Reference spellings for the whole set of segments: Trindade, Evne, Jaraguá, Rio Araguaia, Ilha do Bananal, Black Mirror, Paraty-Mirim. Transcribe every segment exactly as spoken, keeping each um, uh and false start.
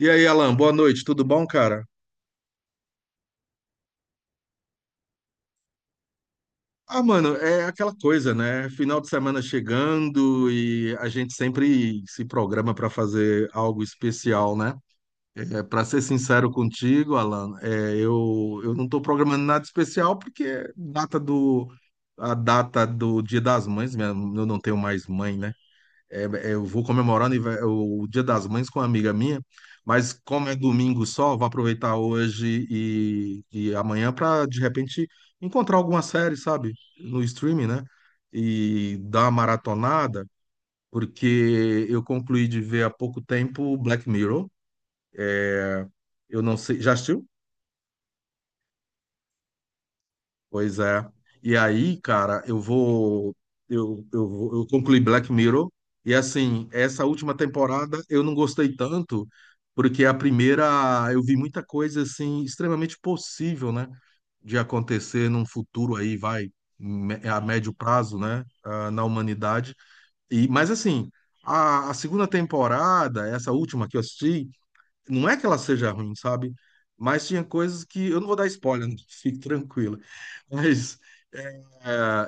E aí, Alan, boa noite, tudo bom, cara? Ah, mano, é aquela coisa, né? Final de semana chegando e a gente sempre se programa para fazer algo especial, né? É, para ser sincero contigo, Alan, é, eu, eu não tô programando nada especial porque data do, a data do Dia das Mães, minha- eu não tenho mais mãe, né? É, é, eu vou comemorar o anive- o Dia das Mães com uma amiga minha, mas como é domingo só, vou aproveitar hoje e, e amanhã para de repente encontrar alguma série, sabe, no streaming, né? E dar uma maratonada, porque eu concluí de ver há pouco tempo Black Mirror. Eu não sei, já assistiu? Pois é. E aí, cara, eu vou. Eu, eu, vou- eu concluí Black Mirror. E assim, essa última temporada eu não gostei tanto, porque a primeira eu vi muita coisa assim, extremamente possível, né? De acontecer num futuro aí, vai, me- a médio prazo, né? Ah, na humanidade. E, mas assim, a, a segunda temporada, essa última que eu assisti. Não é que ela seja ruim, sabe? Mas tinha coisas que. Eu não vou dar spoiler, fique tranquila. Mas é,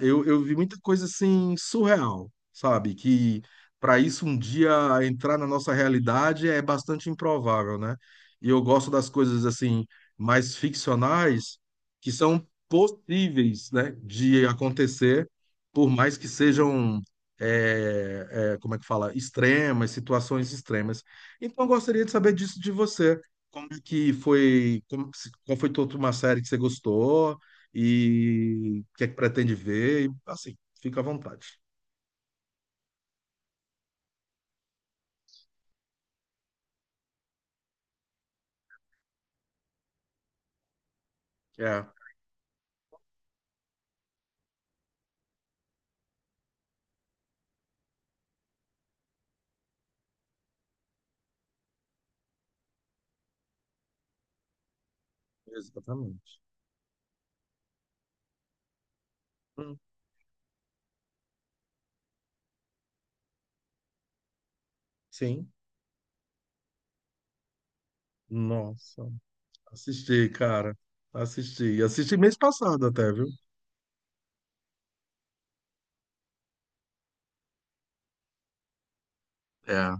eu, eu vi muita coisa assim surreal, sabe? Que para isso um dia entrar na nossa realidade é bastante improvável, né? E eu gosto das coisas assim mais ficcionais que são possíveis, né, de acontecer, por mais que sejam, é, é, como é que fala, extremas, situações extremas. Então, eu gostaria de saber disso de você. Como é que foi, como, se- qual foi toda uma série que você gostou e o que é que pretende ver? E, assim, fica à vontade. É, exatamente. Hum, sim. Nossa, assisti, cara. Assisti. Assisti mês passado até, viu? É,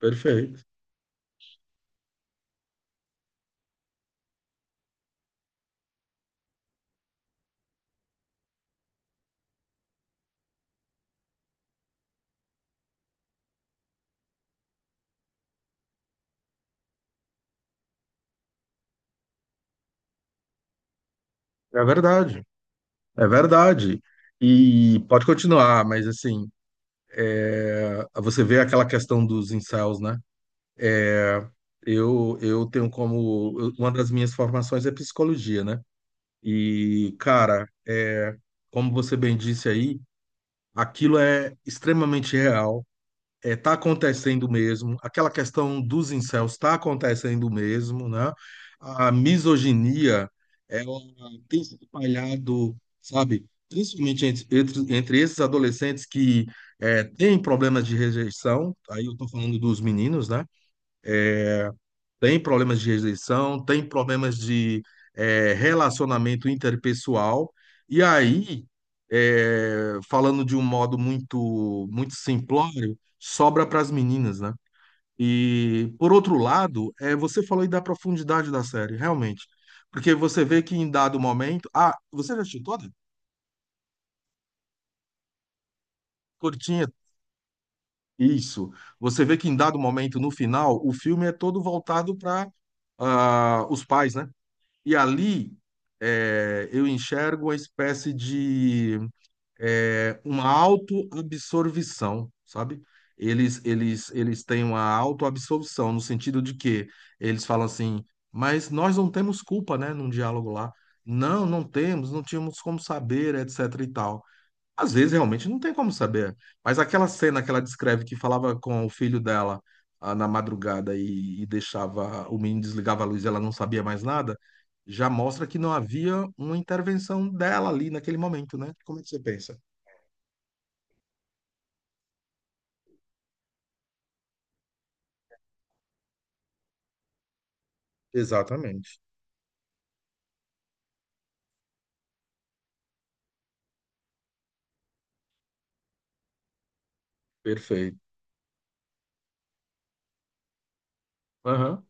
perfeito. É verdade. É verdade. E pode continuar, mas assim, você vê aquela questão dos incels, né? Eu, eu tenho como. eu- Uma das minhas formações é psicologia, né? E, cara, é, como você bem disse aí, aquilo é extremamente real, é, tá acontecendo mesmo, aquela questão dos incels está acontecendo mesmo, né? A misoginia, ela tem se espalhado, sabe? Principalmente entre, entre, entre esses adolescentes que é, têm problemas de rejeição, aí eu tô falando dos meninos, né? Tem problemas de rejeição, tem problemas de eh, relacionamento interpessoal. E aí, eh, falando de um modo muito, muito simplório, sobra para as meninas, né? E, por outro lado, é você falou aí da profundidade da série, realmente. Porque você vê que em dado momento. Ah, você já assistiu toda? Curtinha. Isso. Você vê que em dado momento, no final, o filme é todo voltado para ah, os pais, né? E ali é, eu enxergo uma espécie de é, uma autoabsorvição, sabe? Eles, eles, eles têm uma autoabsorção, no sentido de que eles falam assim, mas nós não temos culpa, né, num diálogo lá. Não, não temos, não tínhamos como saber, etc e tal. Às vezes realmente não tem como saber. Mas aquela cena que ela descreve que falava com o filho dela ah, na madrugada e, e deixava o menino desligava a luz e ela não sabia mais nada, já mostra que não havia uma intervenção dela ali naquele momento, né? Como é que você pensa? Exatamente. Perfeito. Aham.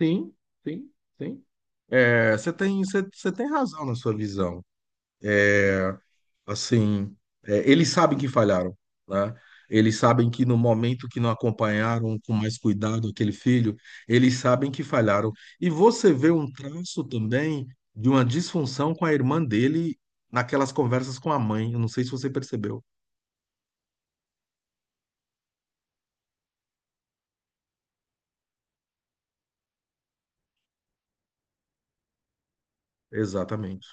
Sim, sim, sim. É, você tem, você, você tem razão na sua visão. Assim, é, eles sabem que falharam, né? Eles sabem que no momento que não acompanharam com mais cuidado aquele filho, eles sabem que falharam. E você vê um traço também de uma disfunção com a irmã dele naquelas conversas com a mãe. Eu não sei se você percebeu. Exatamente.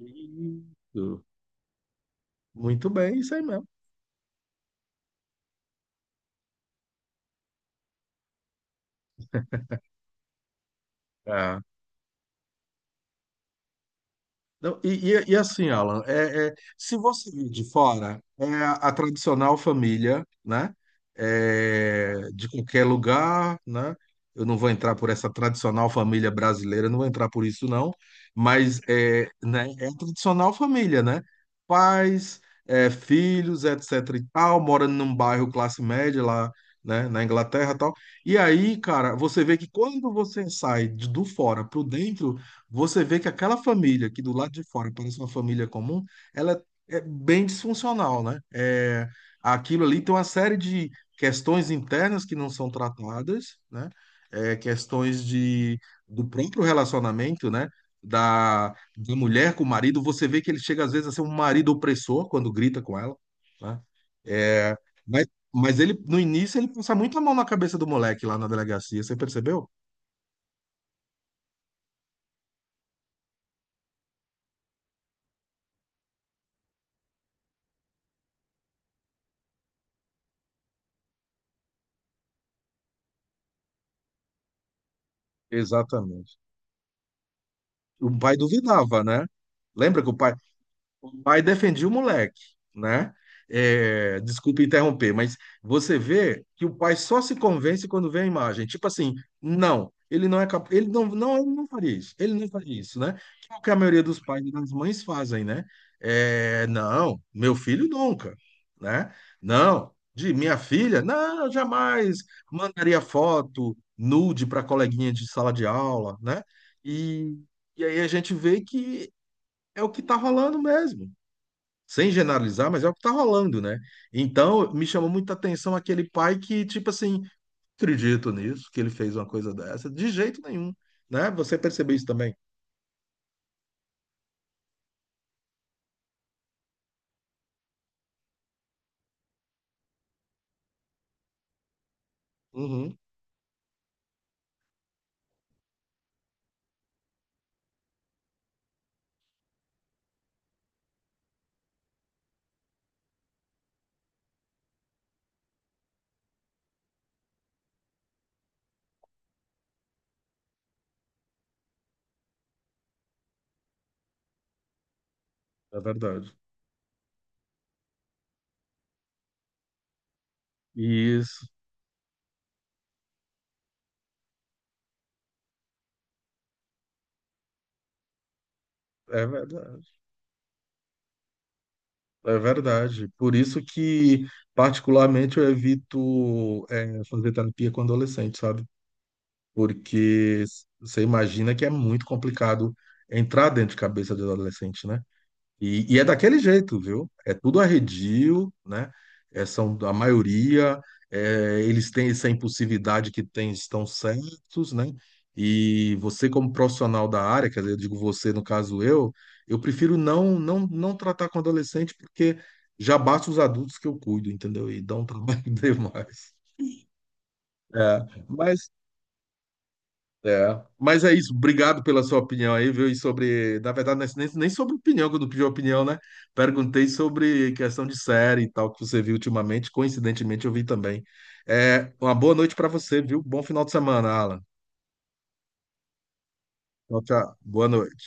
Isso. Muito bem, isso aí mesmo. É. Não, e, e- e assim, Alan, é, é, se você vir de fora, é a, a tradicional família, né? É, de qualquer lugar, né? Eu não vou entrar por essa tradicional família brasileira, não vou entrar por isso, não. Mas é, né, é a tradicional família, né? Pais, é, filhos, etc e tal, morando num bairro classe média lá, né, na Inglaterra e tal. E aí, cara, você vê que quando você sai de- do fora pro dentro você vê que aquela família que do lado de fora parece uma família comum, ela é bem disfuncional, né? É, aquilo ali tem uma série de questões internas que não são tratadas, né? É, questões de, do próprio relacionamento, né? Da, da mulher com o marido, você vê que ele chega às vezes a ser um marido opressor quando grita com ela, né? É, mas, mas ele, no início, ele passa muito a mão na cabeça do moleque lá na delegacia, você percebeu? Exatamente. O pai duvidava, né? Lembra que o pai o pai defendia o moleque, né? É, desculpe interromper, mas você vê que o pai só se convence quando vê a imagem. Tipo assim, não, ele não é capaz, ele não, não, ele não faria isso, ele não faria isso, né? Que é o que a maioria dos pais e das mães fazem, né? É, não, meu filho nunca, né? Não, de minha filha, não, eu jamais mandaria foto nude para coleguinha de sala de aula, né? E, e aí a gente vê que é o que está rolando mesmo sem generalizar, mas é o que está rolando, né? Então, me chamou muita atenção aquele pai que, tipo assim, acredito nisso, que ele fez uma coisa dessa, de jeito nenhum, né? Você percebeu isso também? Uhum, é verdade. Isso, é verdade. É verdade. Por isso que, particularmente, eu evito é, fazer terapia com adolescente, sabe? Porque você imagina que é muito complicado entrar dentro de cabeça de adolescente, né? E, e é daquele jeito, viu? É tudo arredio, né? É, são a maioria, é, eles têm essa impulsividade que têm, estão certos, né? E você, como profissional da área, quer dizer, eu digo você, no caso eu, eu prefiro não, não, não tratar com adolescente, porque já basta os adultos que eu cuido, entendeu? E dá um trabalho demais. É, mas é, mas é isso. Obrigado pela sua opinião aí, viu? E sobre, na verdade, não é nem, nem sobre opinião, quando pedi opinião, né? Perguntei sobre questão de série e tal que você viu ultimamente. Coincidentemente, eu vi também. É, uma boa noite para você, viu? Bom final de semana, Alan. Tchau, tchau. Boa noite.